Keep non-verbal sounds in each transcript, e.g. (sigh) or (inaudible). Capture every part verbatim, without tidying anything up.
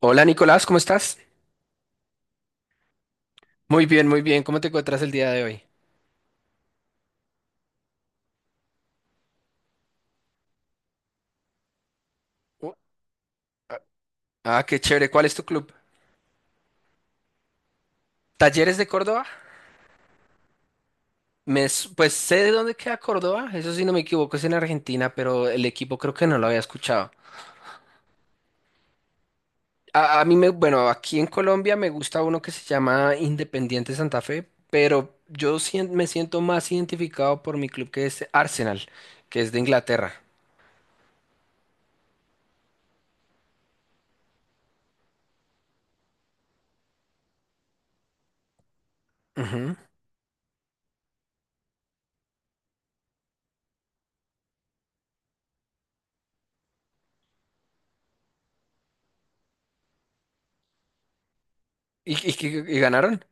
Hola Nicolás, ¿cómo estás? Muy bien, muy bien. ¿Cómo te encuentras el día de hoy? Oh. Ah, qué chévere. ¿Cuál es tu club? ¿Talleres de Córdoba? Me, s- pues sé de dónde queda Córdoba, eso sí no me equivoco, es en Argentina, pero el equipo creo que no lo había escuchado. A, a mí me, bueno, aquí en Colombia me gusta uno que se llama Independiente Santa Fe, pero yo sien- me siento más identificado por mi club, que es Arsenal, que es de Inglaterra. Ujú. ¿Y, y, y- y ganaron?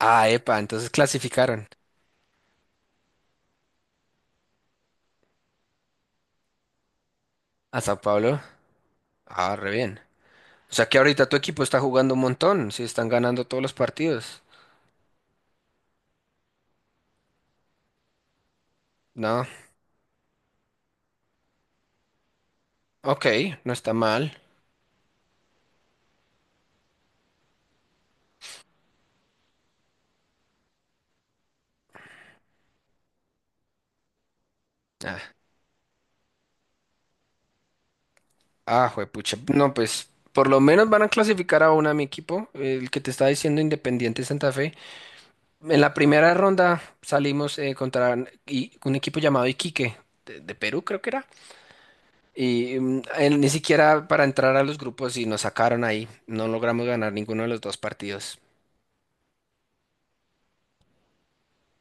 Ah, epa, entonces clasificaron a Sao Paulo. Ah, re bien. O sea que ahorita tu equipo está jugando un montón, si están ganando todos los partidos. No, ok, no está mal. Ah, ah, juepucha. No, pues por lo menos van a clasificar a una mi equipo, el que te estaba diciendo Independiente Santa Fe. En la primera ronda salimos eh, contra i- un equipo llamado Iquique, de, de Perú creo que era. Y mm, él ni siquiera para entrar a los grupos y nos sacaron ahí. No logramos ganar ninguno de los dos partidos.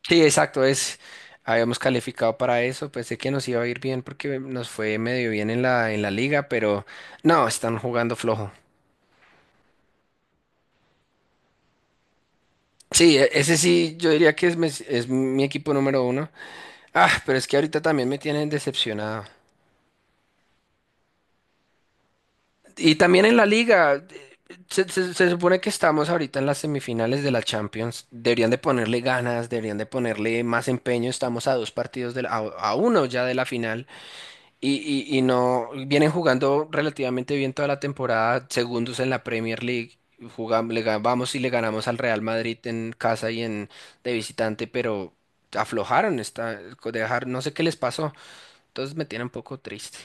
Sí, exacto, es, habíamos calificado para eso, pensé que nos iba a ir bien porque nos fue medio bien en la, en la liga, pero no, están jugando flojo. Sí, e- ese sí, yo diría que es, mes- es mi equipo número uno. Ah, pero es que ahorita también me tienen decepcionado. Y también en la liga, eh, se, se- se supone que estamos ahorita en las semifinales de la Champions. Deberían de ponerle ganas, deberían de ponerle más empeño. Estamos a dos partidos de la- a, a uno ya de la final. Y, y, y no vienen jugando relativamente bien toda la temporada, segundos en la Premier League. Jugamos, le gan- vamos y le ganamos al Real Madrid en casa y en de visitante, pero aflojaron esta, dejar, no sé qué les pasó. Entonces me tiene un poco triste.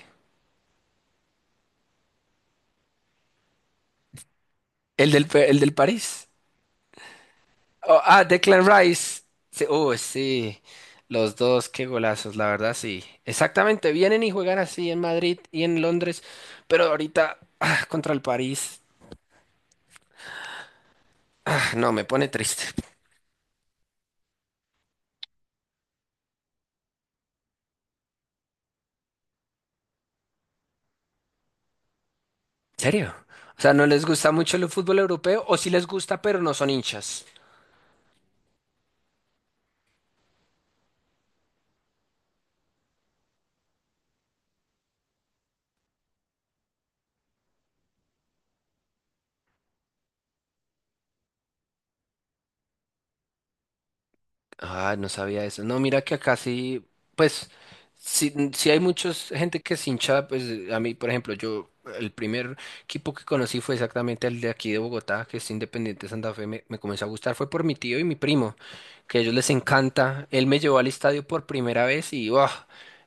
El del, Pe- el del París. Oh, ah, Declan Rice. Sí, oh, sí. Los dos, qué golazos, la verdad, sí. Exactamente, vienen y juegan así en Madrid y en Londres, pero ahorita ah, contra el París, ah, no, me pone triste. ¿En serio? O sea, ¿no les gusta mucho el fútbol europeo o sí les gusta pero no son hinchas? Ah, no sabía eso. No, mira que acá sí, pues, sí, sí hay muchos gente que es hincha, pues a mí, por ejemplo, yo, el primer equipo que conocí fue exactamente el de aquí de Bogotá, que es Independiente Santa Fe, me, me comenzó a gustar, fue por mi tío y mi primo, que a ellos les encanta. Él me llevó al estadio por primera vez y, wow,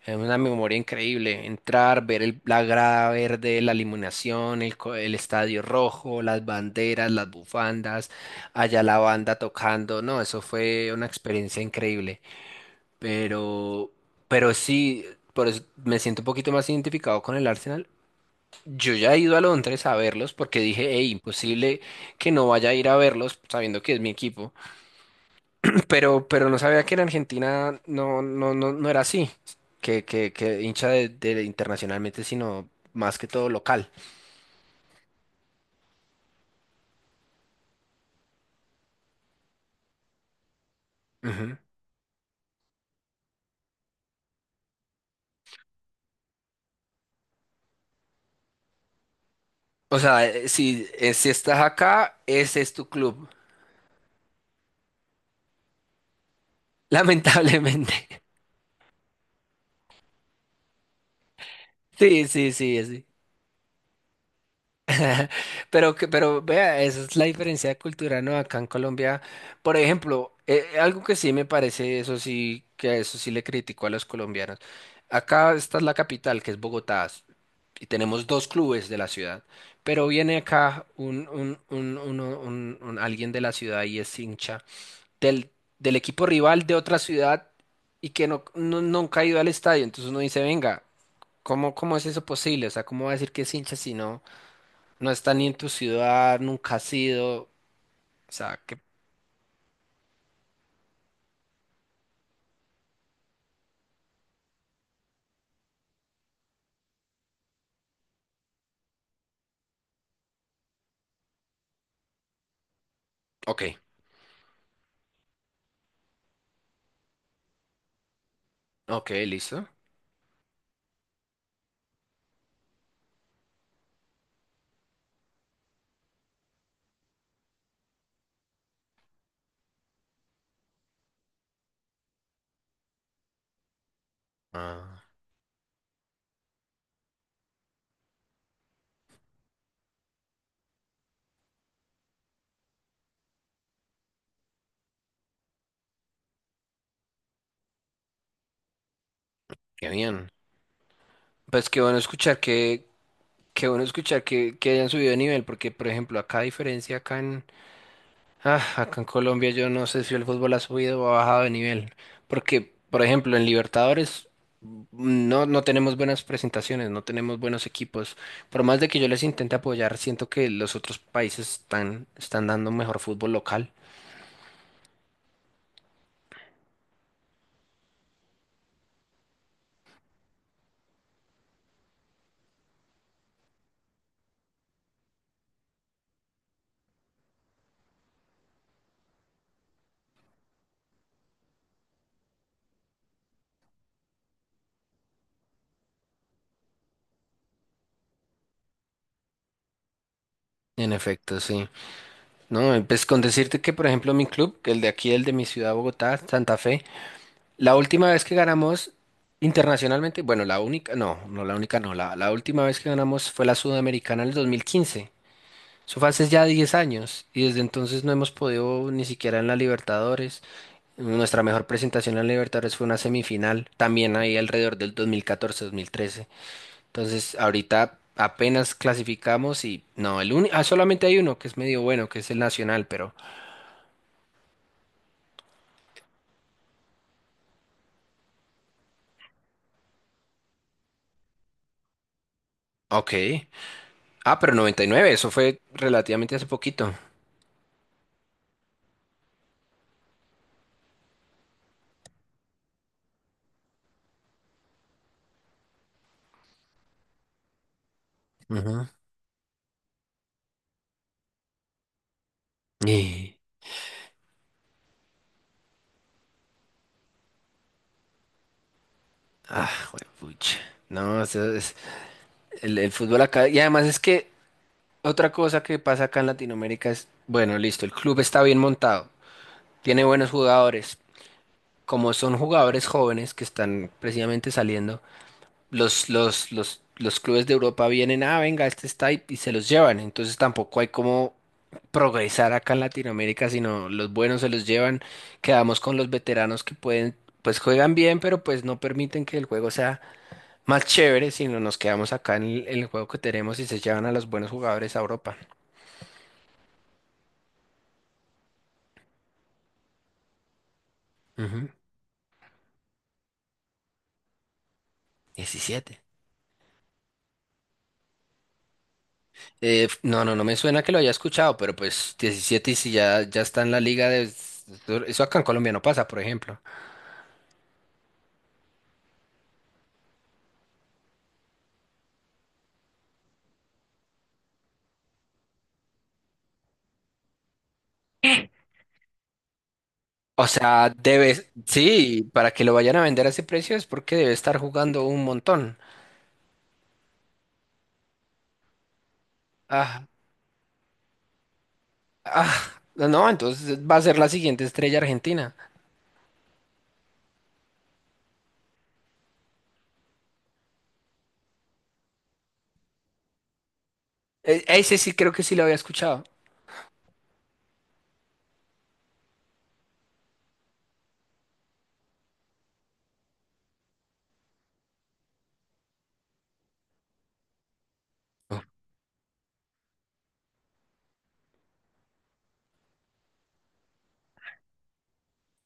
es una memoria increíble. Entrar, ver el, la grada verde, la iluminación, el, co- el estadio rojo, las banderas, las bufandas allá la banda tocando, no, eso fue una experiencia increíble, pero, pero sí, por eso me siento un poquito más identificado con el Arsenal. Yo ya he ido a Londres a verlos porque dije, hey, imposible que no vaya a ir a verlos sabiendo que es mi equipo. (laughs) (clears throat) pero, pero no sabía que en Argentina no, no, no, no era así, que, que, que hincha de, de internacionalmente, sino más que todo local. Ujú. O sea, eh, si, eh, si estás acá, ese es tu club, (laughs) lamentablemente. Sí, sí, sí, sí. (laughs) Pero, que- pero vea, esa es la diferencia cultural, ¿no? Acá en Colombia, por ejemplo, eh, eh, algo que sí me parece, eso sí, que a eso sí le critico a los colombianos. Acá está la capital, que es Bogotá, y tenemos dos clubes de la ciudad, pero viene acá un, un, un, uno- un- un- alguien de la ciudad y es hincha del, del equipo rival de otra ciudad y que no, no, no han caído al estadio, entonces uno dice, venga. ¿Cómo, cómo es eso posible? O sea, ¿cómo va a decir que es hincha si no, no está ni en tu ciudad, nunca ha sido? O sea, que... Ok, ok, listo. Ah, qué bien. Pues qué bueno escuchar que, qué bueno escuchar que, que, hayan subido de nivel, porque por ejemplo, acá a diferencia acá en, Ah, acá en Colombia yo no sé si el fútbol ha subido o ha bajado de nivel, porque, por ejemplo, en Libertadores mm, no, no tenemos buenas presentaciones, no tenemos buenos equipos. Por más de que yo les intente apoyar, siento que los otros países están, están dando mejor fútbol local. En efecto, sí. No, eh, pues con decirte que, por ejemplo, mi club, que el de aquí, el de mi ciudad, Bogotá, Santa Fe, la última vez que ganamos internacionalmente, bueno, la única, no, no la única, no, la, la última vez que ganamos fue la Sudamericana en el dos mil quince. Eso fue hace ya diez años y desde entonces no hemos podido ni siquiera en la Libertadores. Nuestra mejor presentación en la Libertadores fue una semifinal, también ahí alrededor del dos mil catorce-dos mil trece. Entonces, ahorita apenas clasificamos y no, el único, ah, solamente hay uno que es medio bueno, que es el Nacional, pero ok. Ah, pero noventa y nueve, eso fue relativamente hace poquito. Ujú. Y- Ah, juepucha. No, eso es el, el fútbol acá. Y además es que otra cosa que pasa acá en Latinoamérica es, bueno, listo, el club está bien montado, tiene buenos jugadores. Como son jugadores jóvenes que están precisamente saliendo, los, los, los, los clubes de Europa vienen, ah, venga, este está y, y se los llevan. Entonces tampoco hay como progresar acá en Latinoamérica, sino los buenos se los llevan. Quedamos con los veteranos que pueden, pues juegan bien, pero pues no permiten que el juego sea más chévere, sino nos quedamos acá en el, en el juego que tenemos y se llevan a los buenos jugadores a Europa. Ujú. Diecisiete. Eh, no, no, no me suena que lo haya escuchado, pero pues diecisiete y si ya, ya está en la liga de... Eso acá en Colombia no pasa, por ejemplo. O sea, debe sí, para que lo vayan a vender a ese precio es porque debe estar jugando un montón. Ah, ah, no, entonces va a ser la siguiente estrella argentina. E- ese sí creo que sí lo había escuchado.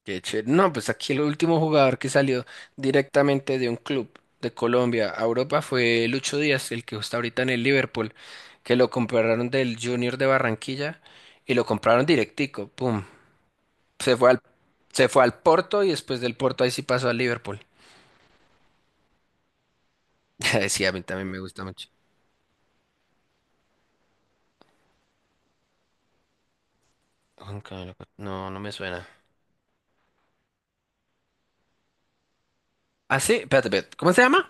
Qué ché- No, pues aquí el último jugador que salió directamente de un club de Colombia a Europa fue Lucho Díaz, el que está ahorita en el Liverpool, que lo compraron del Junior de Barranquilla y lo compraron directico, pum. Se fue al, se fue al Porto y después del Porto ahí sí pasó al Liverpool. (laughs) Sí, a mí también me gusta mucho. Juan Camilo Cot- No, no me suena. Ah, sí, espérate, espérate. ¿Cómo se llama?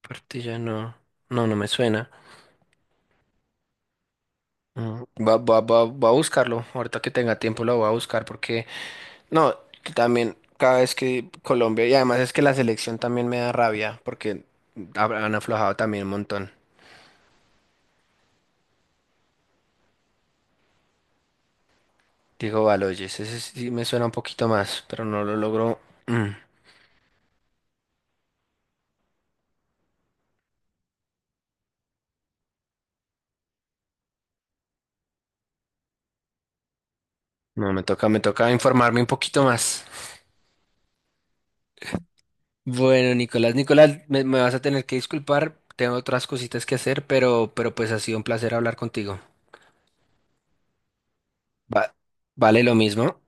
Portilla, no. No, no me suena. Mm. Va, va, va, va a buscarlo. Ahorita que tenga tiempo lo voy a buscar porque... No, también cada vez que Colombia, y además es que la selección también me da rabia, porque hab- han aflojado también un montón. Digo, Baloyes, ese sí me suena un poquito más, pero no lo logro. Mm, no, me toca, me toca informarme un poquito más. Bueno, Nicolás, Nicolás, me, me vas a tener que disculpar, tengo otras cositas que hacer, pero, pero pues ha sido un placer hablar contigo. Va- vale lo mismo.